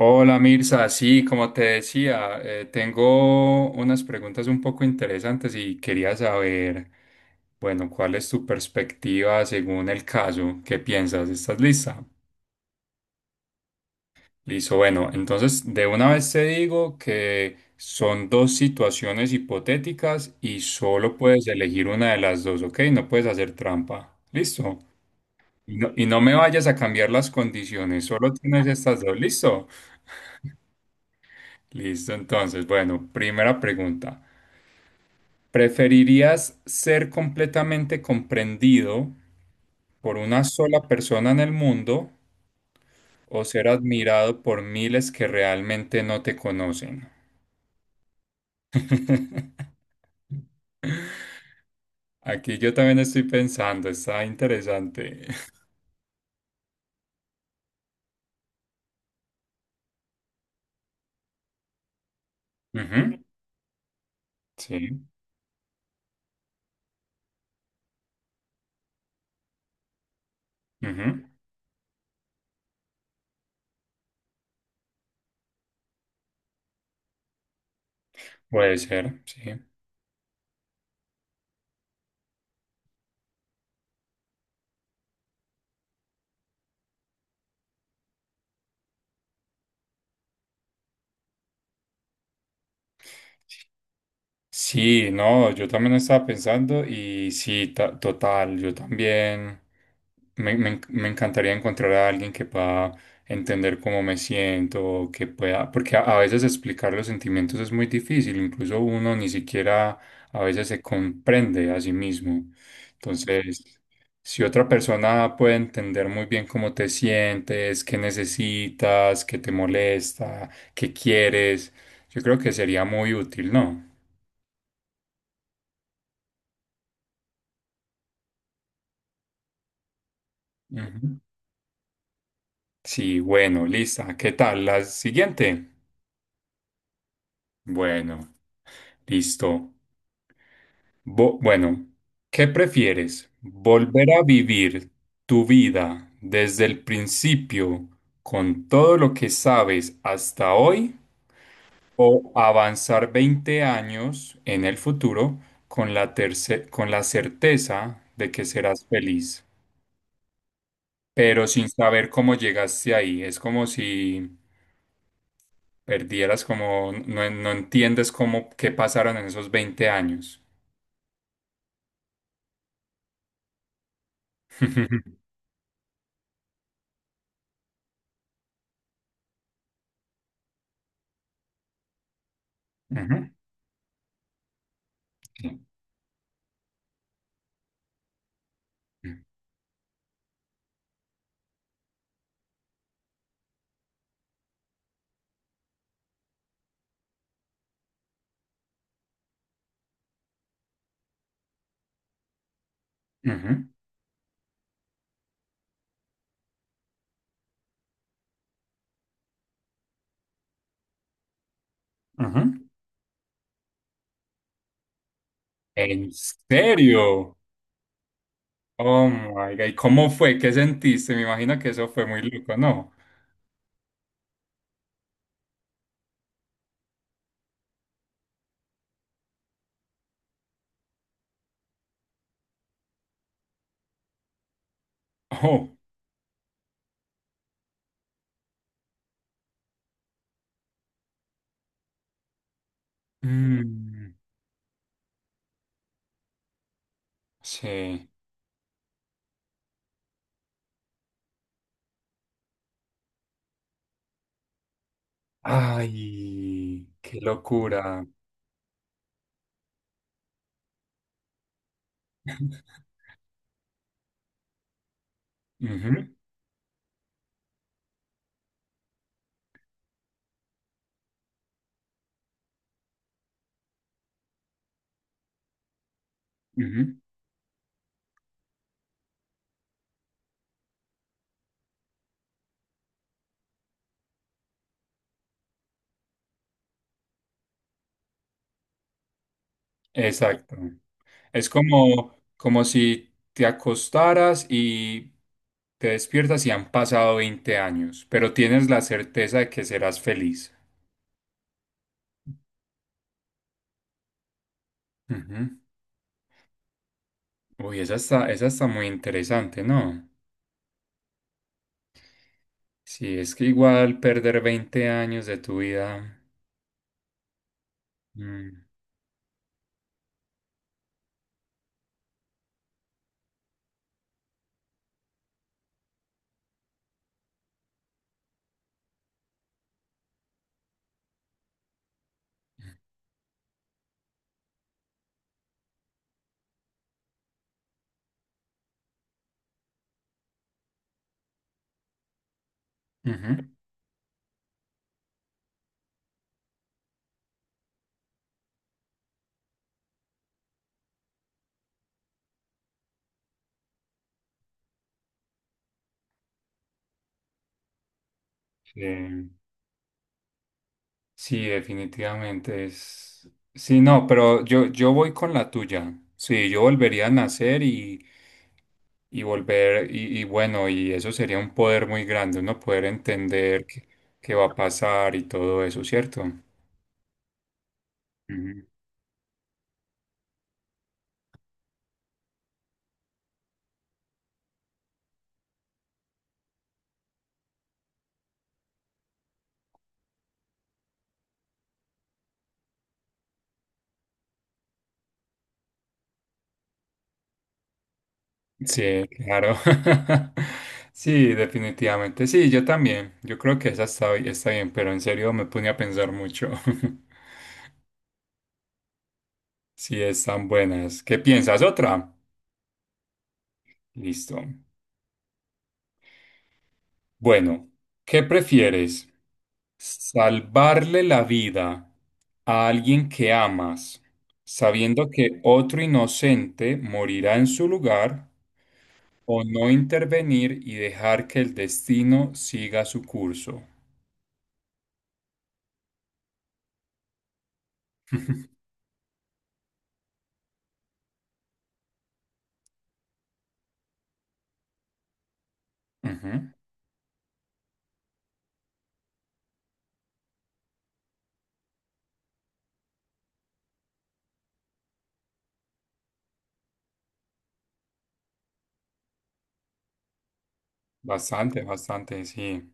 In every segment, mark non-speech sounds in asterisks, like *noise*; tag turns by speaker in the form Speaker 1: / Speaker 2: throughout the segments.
Speaker 1: Hola Mirza, sí, como te decía, tengo unas preguntas un poco interesantes y quería saber, bueno, cuál es tu perspectiva según el caso, qué piensas, ¿estás lista? Listo, bueno, entonces de una vez te digo que son dos situaciones hipotéticas y solo puedes elegir una de las dos, ¿ok? No puedes hacer trampa, listo. Y no me vayas a cambiar las condiciones, solo tienes estas dos, ¿listo? Listo, entonces, bueno, primera pregunta. ¿Preferirías ser completamente comprendido por una sola persona en el mundo o ser admirado por miles que realmente no te conocen? Aquí yo también estoy pensando, está interesante. *laughs* Ujú, sí, ujú. Puede ser, sí. Sí, no, yo también estaba pensando y sí, total, yo también me encantaría encontrar a alguien que pueda entender cómo me siento, que pueda, porque a veces explicar los sentimientos es muy difícil, incluso uno ni siquiera a veces se comprende a sí mismo. Entonces, si otra persona puede entender muy bien cómo te sientes, qué necesitas, qué te molesta, qué quieres, yo creo que sería muy útil, ¿no? Ujú. Sí, bueno, lista. ¿Qué tal? La siguiente. Bueno, listo. Bueno, ¿qué prefieres? ¿Volver a vivir tu vida desde el principio con todo lo que sabes hasta hoy o avanzar 20 años en el futuro con la certeza de que serás feliz, pero sin saber cómo llegaste ahí? Es como si perdieras como, no, no entiendes cómo, qué pasaron en esos 20 años. *laughs* Ujú, sí. Ujú, ujú. ¿En serio? Oh my God. ¿Y cómo fue? ¿Qué sentiste? Me imagino que eso fue muy loco, ¿no? Oh. Mm, sí. Ay, qué locura. *laughs* Ujú, ujú. Exacto. Es como, como si te acostaras y te despiertas y han pasado 20 años, pero tienes la certeza de que serás feliz. Ujú. Uy, esa está muy interesante, ¿no? Sí, es que igual perder 20 años de tu vida. Mm, ujú. Sí, sí, definitivamente es. Sí, no, pero yo voy con la tuya. Sí, yo volvería a nacer y volver, y bueno, y eso sería un poder muy grande, uno poder entender qué, va a pasar y todo eso, ¿cierto? Ujú. Sí, claro. *laughs* Sí, definitivamente. Sí, yo también. Yo creo que esa está bien, pero en serio me pone a pensar mucho. *laughs* Si están buenas. ¿Qué piensas? ¿Otra? Listo. Bueno, ¿qué prefieres? ¿Salvarle la vida a alguien que amas, sabiendo que otro inocente morirá en su lugar, o no intervenir y dejar que el destino siga su curso? *laughs* Ujú, bastante, bastante, sí.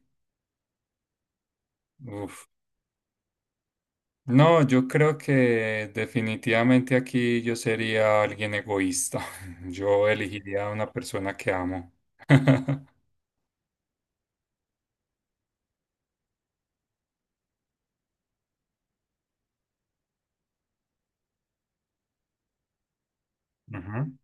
Speaker 1: Uf. No, yo creo que definitivamente aquí yo sería alguien egoísta. *laughs* Yo elegiría a una persona que amo. *laughs* Ujú.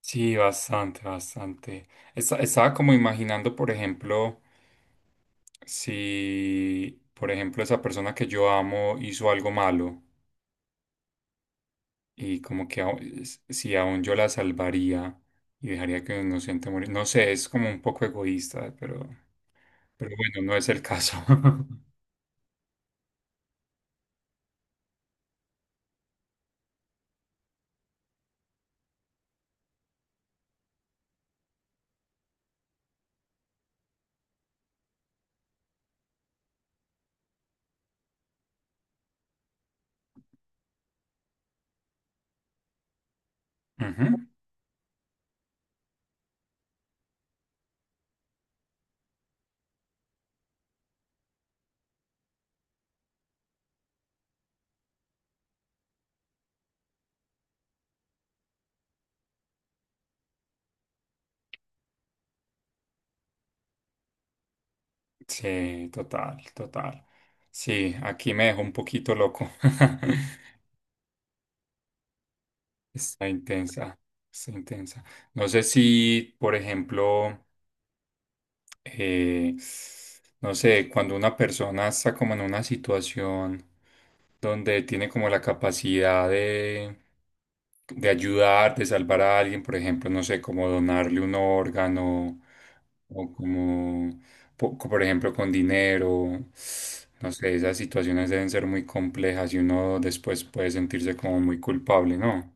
Speaker 1: Sí, bastante, bastante. Estaba como imaginando, por ejemplo, si, por ejemplo, esa persona que yo amo hizo algo malo y como que si aún yo la salvaría y dejaría que un inocente morir. No sé, es como un poco egoísta, pero bueno, no es el caso. *laughs* Ujú. Sí, total, total. Sí, aquí me dejó un poquito loco. *laughs* Está intensa, está intensa. No sé si, por ejemplo... eh, no sé, cuando una persona está como en una situación donde tiene como la capacidad de, ayudar, de salvar a alguien, por ejemplo, no sé, como donarle un órgano o como, por ejemplo, con dinero. No sé, esas situaciones deben ser muy complejas y uno después puede sentirse como muy culpable, ¿no?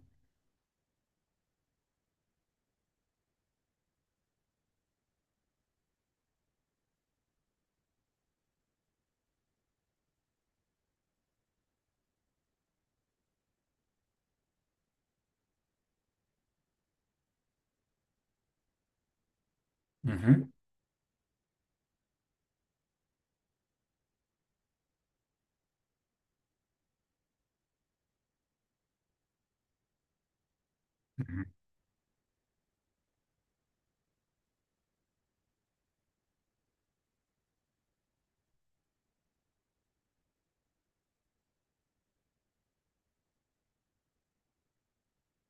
Speaker 1: Ujú, ujú.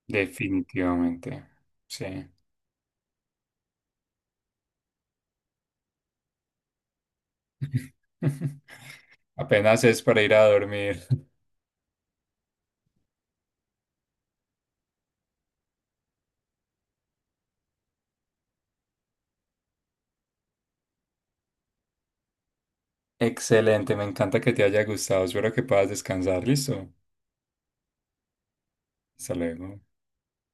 Speaker 1: Definitivamente, sí. *laughs* Apenas es para ir a dormir. Excelente, me encanta que te haya gustado. Espero que puedas descansar. Listo. Hasta luego.